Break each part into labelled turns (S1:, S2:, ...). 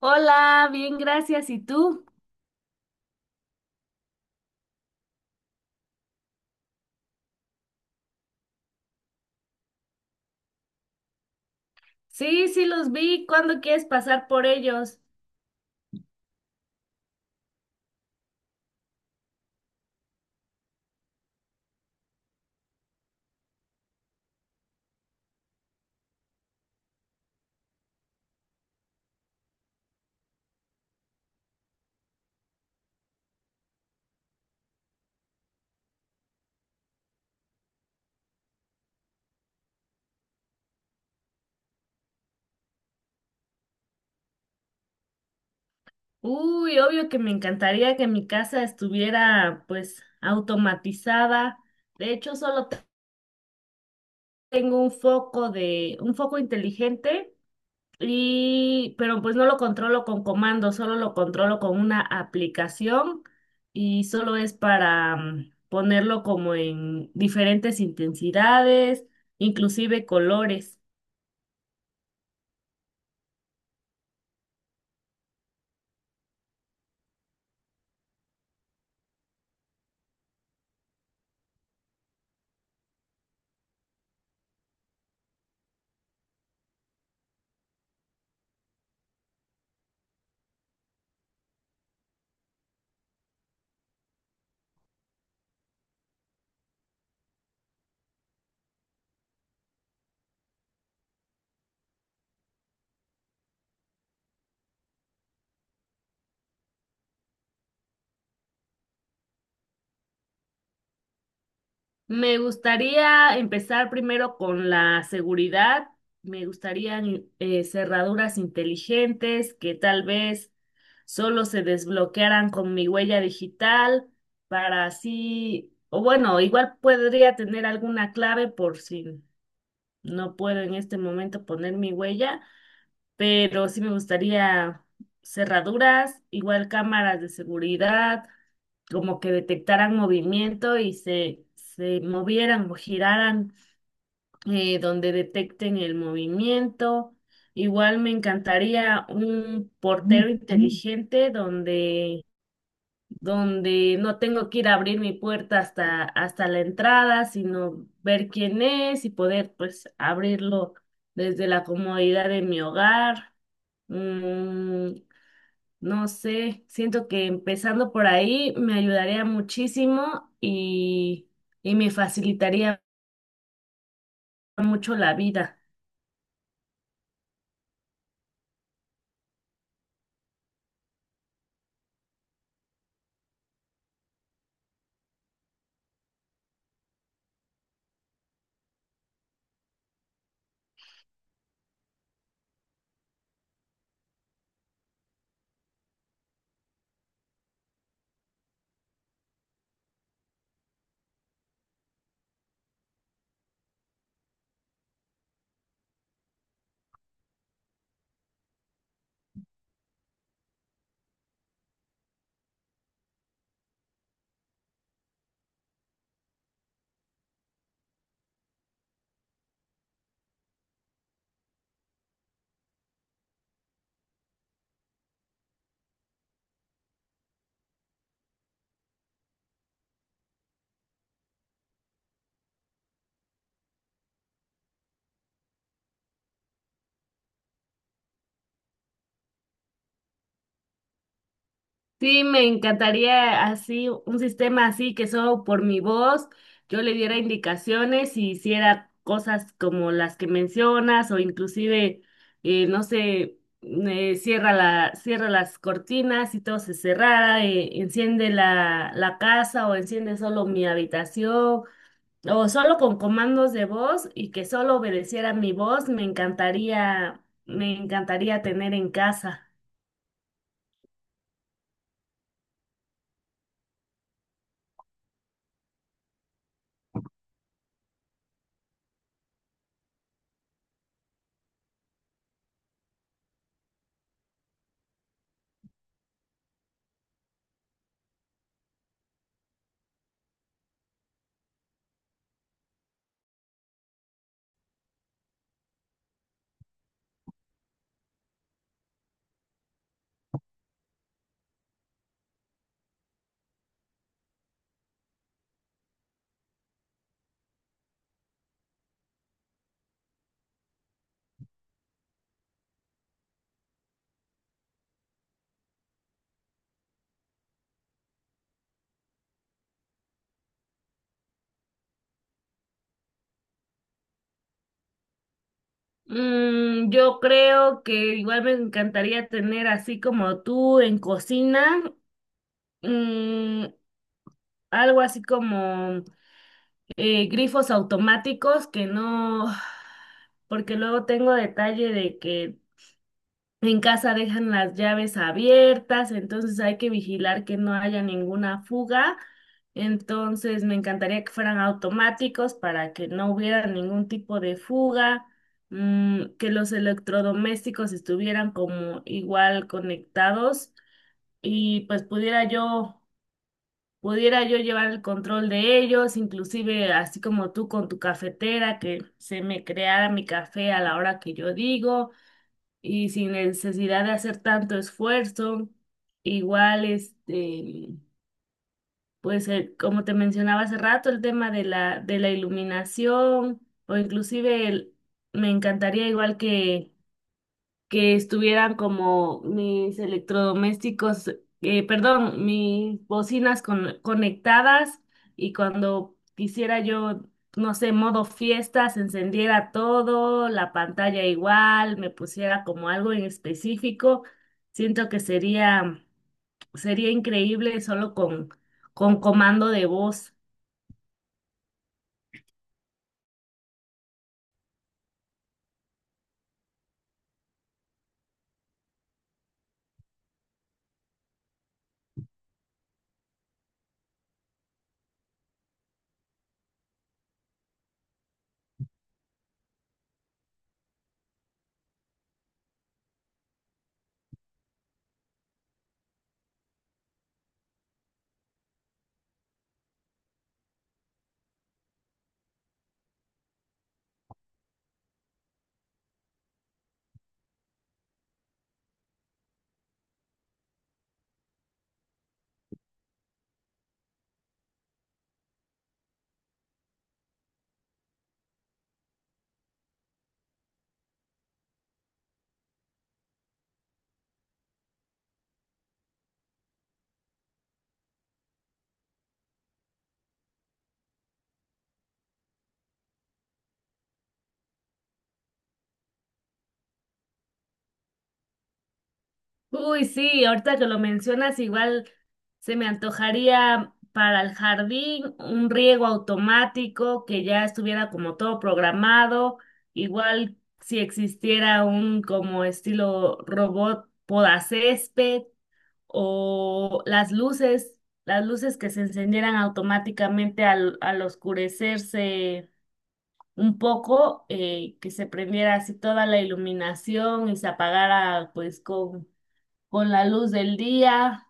S1: Hola, bien, gracias. ¿Y tú? Sí, sí, los vi. ¿Cuándo quieres pasar por ellos? Uy, obvio que me encantaría que mi casa estuviera pues automatizada. De hecho, solo te- tengo un foco inteligente y pero pues no lo controlo con comandos, solo lo controlo con una aplicación y solo es para ponerlo como en diferentes intensidades, inclusive colores. Me gustaría empezar primero con la seguridad. Me gustarían cerraduras inteligentes que tal vez solo se desbloquearan con mi huella digital para así, o bueno, igual podría tener alguna clave por si no puedo en este momento poner mi huella, pero sí me gustaría cerraduras, igual cámaras de seguridad como que detectaran movimiento y se movieran o giraran donde detecten el movimiento. Igual me encantaría un portero inteligente donde no tengo que ir a abrir mi puerta hasta la entrada, sino ver quién es y poder pues abrirlo desde la comodidad de mi hogar. Mm, no sé, siento que empezando por ahí me ayudaría muchísimo y me facilitaría mucho la vida. Sí, me encantaría así, un sistema así que solo por mi voz yo le diera indicaciones y hiciera cosas como las que mencionas o inclusive, no sé, cierra cierra las cortinas y todo se cerrara, enciende la casa o enciende solo mi habitación o solo con comandos de voz y que solo obedeciera mi voz, me encantaría tener en casa. Yo creo que igual me encantaría tener así como tú en cocina, mm, algo así como grifos automáticos que no, porque luego tengo detalle de que en casa dejan las llaves abiertas, entonces hay que vigilar que no haya ninguna fuga. Entonces me encantaría que fueran automáticos para que no hubiera ningún tipo de fuga, que los electrodomésticos estuvieran como igual conectados y pudiera yo llevar el control de ellos, inclusive así como tú con tu cafetera, que se me creara mi café a la hora que yo digo y sin necesidad de hacer tanto esfuerzo. Igual, este, pues como te mencionaba hace rato, el tema de de la iluminación o inclusive el- me encantaría igual que estuvieran como mis electrodomésticos, perdón, mis bocinas con- conectadas y cuando quisiera yo, no sé, modo fiestas, encendiera todo, la pantalla igual, me pusiera como algo en específico, siento que sería, sería increíble solo con comando de voz. Uy, sí, ahorita que lo mencionas, igual se me antojaría para el jardín un riego automático que ya estuviera como todo programado, igual si existiera un como estilo robot podacésped o las luces que se encendieran automáticamente al oscurecerse un poco, que se prendiera así toda la iluminación y se apagara pues con la luz del día.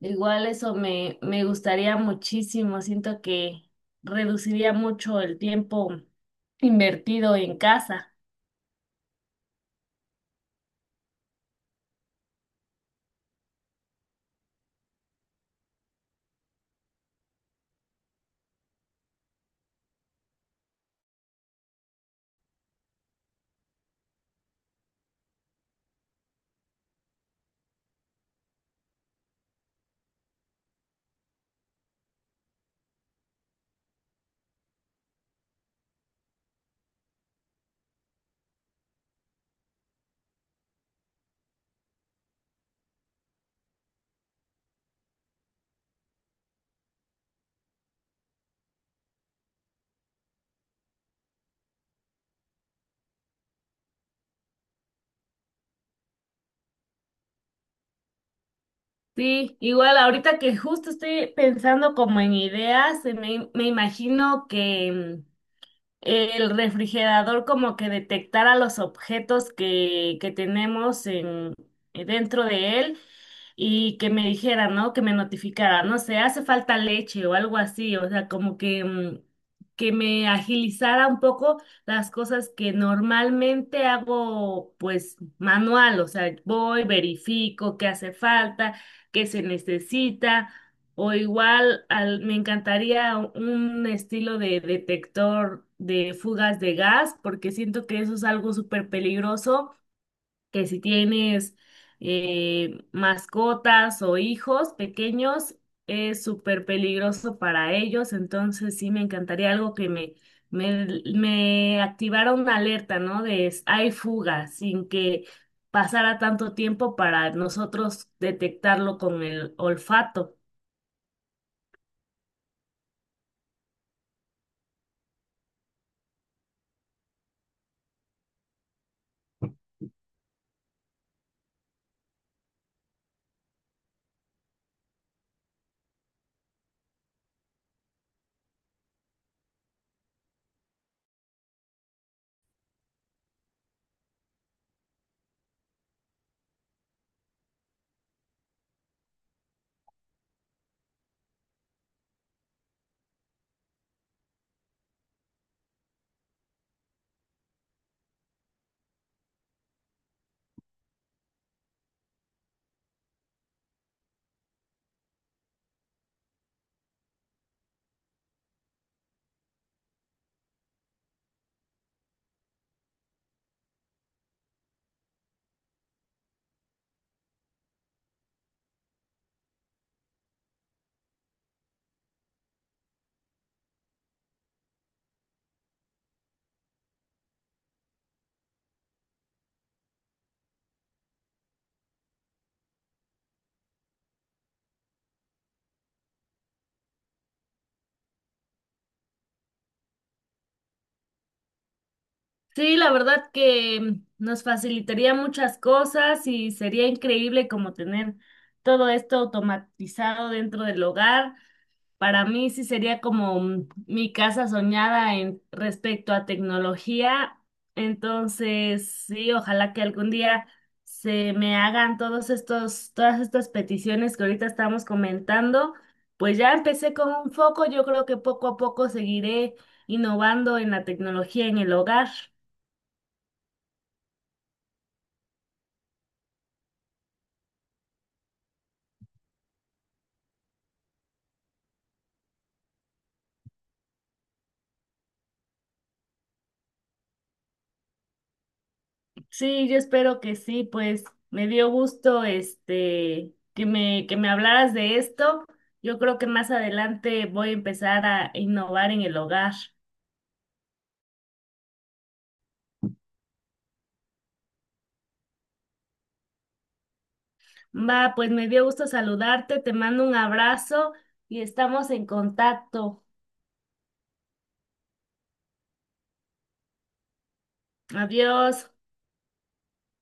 S1: Igual eso me gustaría muchísimo. Siento que reduciría mucho el tiempo invertido en casa. Sí, igual ahorita que justo estoy pensando como en ideas, me imagino que el refrigerador como que detectara los objetos que tenemos en, dentro de él y que me dijera, ¿no? Que me notificara, no sé, hace falta leche o algo así, o sea, como que, que me agilizara un poco las cosas que normalmente hago pues manual, o sea, voy, verifico qué hace falta, qué se necesita. O igual al- me encantaría un estilo de detector de fugas de gas, porque siento que eso es algo súper peligroso, que si tienes mascotas o hijos pequeños, es súper peligroso para ellos. Entonces sí me encantaría algo me, me activara una alerta, ¿no? De s- hay fugas, sin que pasara tanto tiempo para nosotros detectarlo con el olfato. Sí, la verdad que nos facilitaría muchas cosas y sería increíble como tener todo esto automatizado dentro del hogar. Para mí sí sería como mi casa soñada en respecto a tecnología. Entonces, sí, ojalá que algún día se me hagan todas estas peticiones que ahorita estamos comentando. Pues ya empecé con un foco, yo creo que poco a poco seguiré innovando en la tecnología en el hogar. Sí, yo espero que sí, pues me dio gusto este que me hablaras de esto. Yo creo que más adelante voy a empezar a innovar en el hogar. Va, pues me dio gusto saludarte, te mando un abrazo y estamos en contacto. Adiós.